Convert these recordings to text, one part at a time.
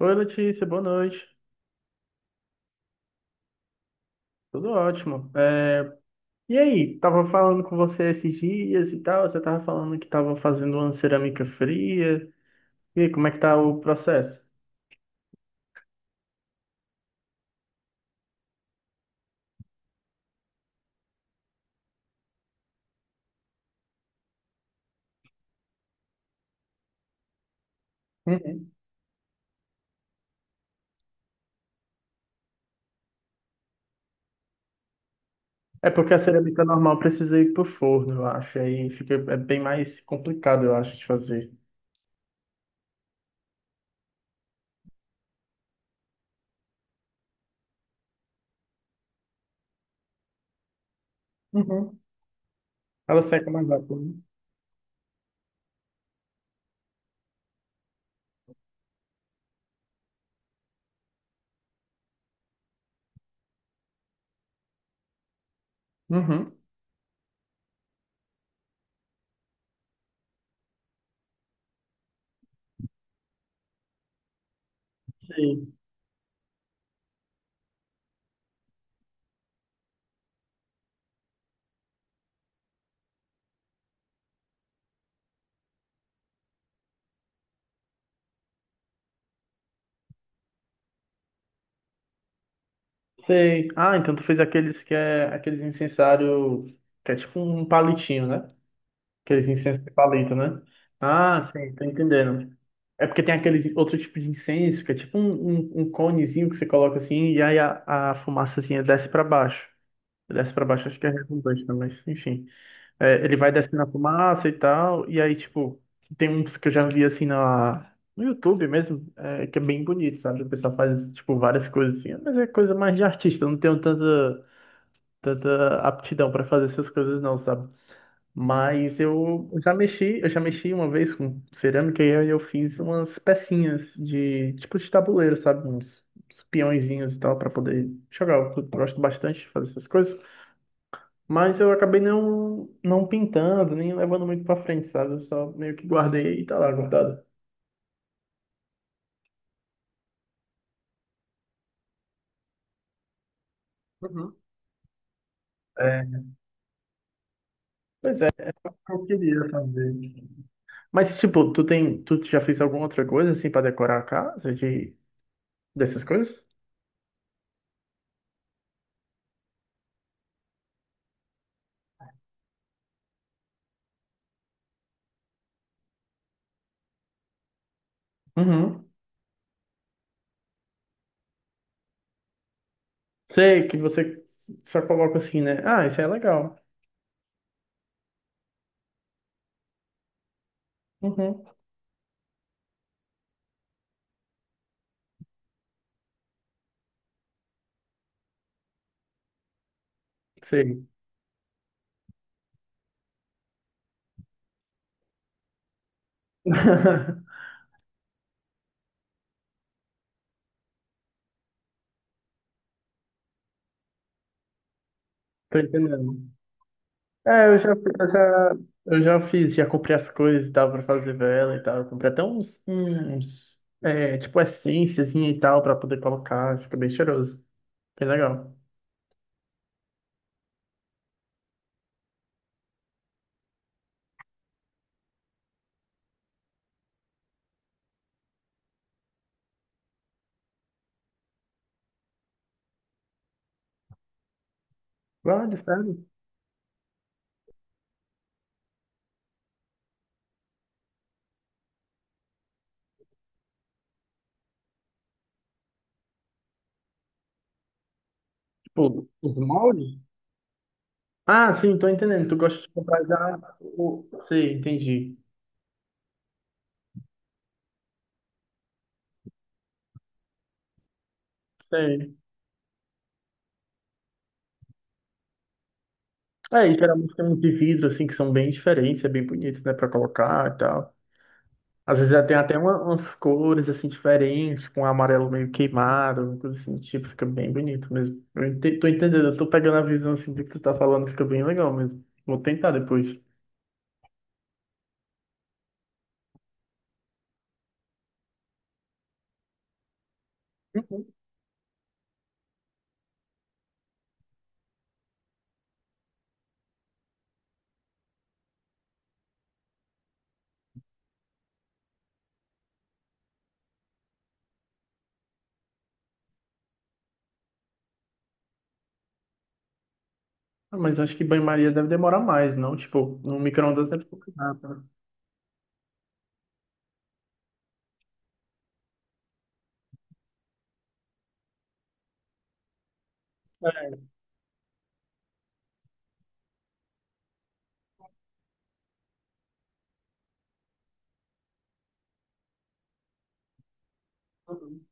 Oi, Letícia, boa noite. Tudo ótimo. E aí, tava falando com você esses dias e tal, você tava falando que tava fazendo uma cerâmica fria. E aí, como é que tá o processo? Uhum. É porque a cerâmica normal precisa ir pro forno, eu acho. Aí fica é bem mais complicado, eu acho, de fazer. Uhum. Ela seca mais rápido, né? Uhum. Sei. Sei. Ah, então tu fez aqueles que é aqueles incensário que é tipo um palitinho, né? Aqueles incensos de palito, né? Ah, sim, tô entendendo. É porque tem aqueles outro tipo de incenso, que é tipo um conezinho que você coloca assim, e aí a fumaçazinha desce para baixo. Desce para baixo, acho que é redundante, né? Mas enfim. É, ele vai descendo a fumaça e tal, e aí, tipo, tem uns que eu já vi assim no YouTube mesmo, é, que é bem bonito, sabe? O pessoal faz, tipo, várias coisas assim, mas é coisa mais de artista, eu não tenho tanta, tanta aptidão para fazer essas coisas, não, sabe? Mas eu já mexi uma vez com cerâmica e aí eu fiz umas pecinhas de tipo de tabuleiro, sabe? Uns, uns peõezinhos e tal para poder jogar. Eu gosto bastante de fazer essas coisas, mas eu acabei não pintando, nem levando muito para frente, sabe? Eu só meio que guardei e tá lá guardado. Uhum. É, Pois é, eu queria fazer. Mas tipo, tu tem, tu já fez alguma outra coisa assim para decorar a casa de dessas coisas? Uhum. Sei que você só coloca assim, né? Ah, isso é legal. Uhum, sei. Tô entendendo. É, eu já, eu já, eu já fiz, já comprei as coisas, dava pra fazer vela e tal. Eu comprei até uns, é, tipo, essênciazinha e tal pra poder colocar. Fica bem cheiroso. Bem legal. Vale, sério? Tipo, os moldes? Ah, sim, tô entendendo. Tu gosta de comprar já o... Sei, entendi. Sei. É, e geralmente tem uns de vidro, assim, que são bem diferentes, é bem bonito, né, pra colocar e tal. Às vezes já tem até uma- umas cores assim diferentes, com um amarelo meio queimado, uma coisa assim, tipo, fica bem bonito mesmo. Eu ente- tô entendendo, eu tô pegando a visão assim do que tu tá falando, fica bem legal mesmo. Vou tentar depois. Uhum. Ah, mas acho que banho-maria deve demorar mais, não? Tipo, no micro-ondas deve ficar rápido. É. Uhum.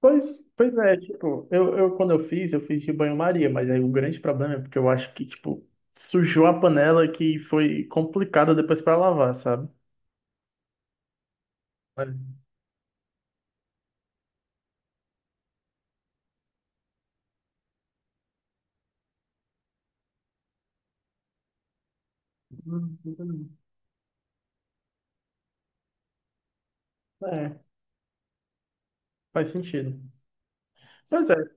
Pois é, tipo, eu quando eu fiz de banho-maria, mas aí o grande problema é porque eu acho que, tipo, sujou a panela que foi complicada depois pra lavar, sabe? É. Não tem não. Faz sentido. Pois é.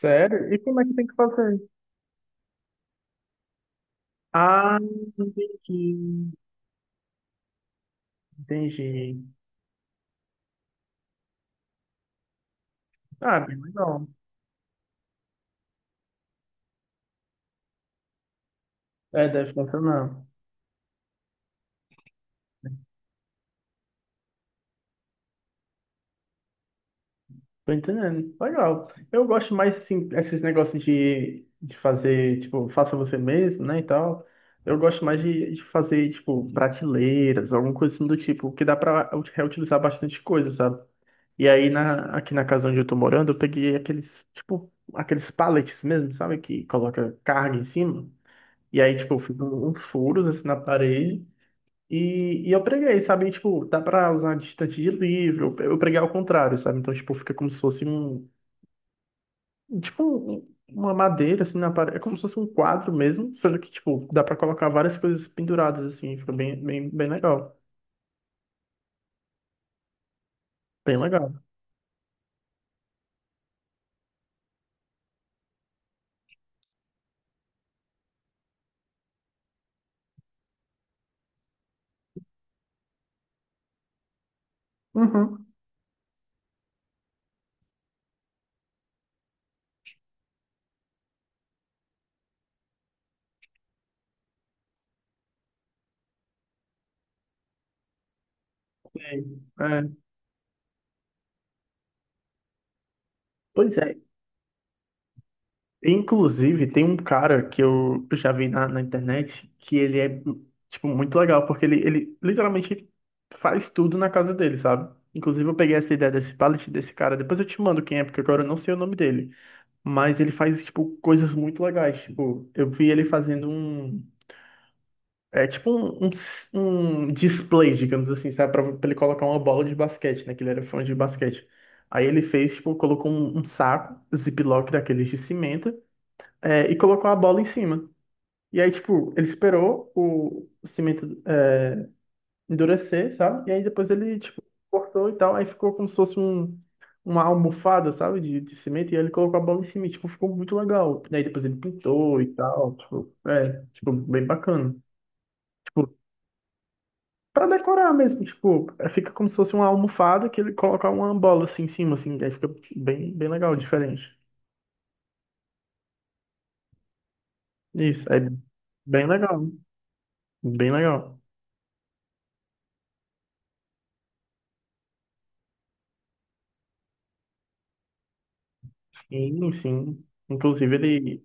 Sério? E como é que tem que fazer? Ah, entendi. Entendi. Ah, bem legal. É, deve funcionar. Tô entendendo. Legal. Eu gosto mais, assim, esses negócios de fazer, tipo, faça você mesmo, né, e tal. Eu gosto mais de fazer, tipo, prateleiras, alguma coisa assim do tipo, que dá pra reutilizar bastante coisa, sabe? E aí, na, aqui na casa onde eu tô morando, eu peguei aqueles, tipo, aqueles pallets mesmo, sabe? Que coloca carga em cima. E aí, tipo, eu fiz um- uns furos assim na parede. E eu preguei, sabe? E, tipo, dá pra usar distante de livro. Eu preguei ao contrário, sabe? Então, tipo, fica como se fosse um. Tipo, um- um, uma madeira assim na parede. É como se fosse um quadro mesmo. Sendo que, tipo, dá pra colocar várias coisas penduradas assim. Fica bem, legal. Bem legal. Uhum. É. É. Pois é. Inclusive, tem um cara que eu já vi na internet que ele é, tipo, muito legal, porque ele literalmente faz tudo na casa dele, sabe? Inclusive, eu peguei essa ideia desse pallet desse cara, depois eu te mando quem é, porque agora eu não sei o nome dele. Mas ele faz, tipo, coisas muito legais. Tipo, eu vi ele fazendo um. É tipo um display, digamos assim, sabe? Pra ele colocar uma bola de basquete, né? Que ele era fã de basquete. Aí ele fez, tipo, colocou um saco, ziploc daqueles de cimento é, e colocou a bola em cima. E aí, tipo, ele esperou o cimento é, endurecer, sabe? E aí depois ele, tipo, cortou e tal. Aí ficou como se fosse um, uma almofada, sabe? De cimento. E aí ele colocou a bola em cima. E, tipo, ficou muito legal. E aí depois ele pintou e tal. Tipo, é, tipo, bem bacana. Tipo, pra decorar mesmo. Tipo, é, fica como se fosse uma almofada que ele coloca uma bola assim em cima, assim. Aí fica bem, bem legal, diferente. Isso, é bem legal. Bem legal. Sim, sim. Inclusive, ele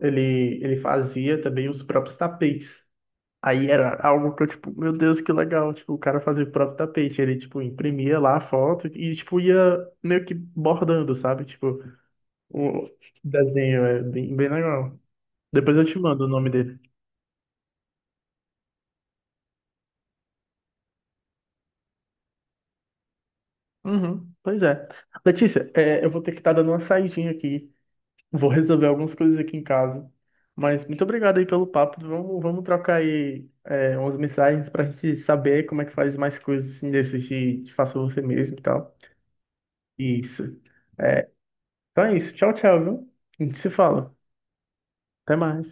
Ele fazia também os próprios tapetes. Aí era algo que eu, tipo, meu Deus, que legal. Tipo, o cara fazia o próprio tapete. Ele, tipo, imprimia lá a foto e, tipo, ia meio que bordando, sabe? Tipo, o desenho é bem, bem legal. Depois eu te mando o nome dele. Uhum, pois é. Letícia, é, eu vou ter que estar dando uma saidinha aqui. Vou resolver algumas coisas aqui em casa. Mas muito obrigado aí pelo papo. Vamos, vamos trocar aí é, umas mensagens para a gente saber como é que faz mais coisas assim desses de faça você mesmo e tal. Isso. É, então é isso. Tchau, tchau, viu? A gente se fala. Até mais.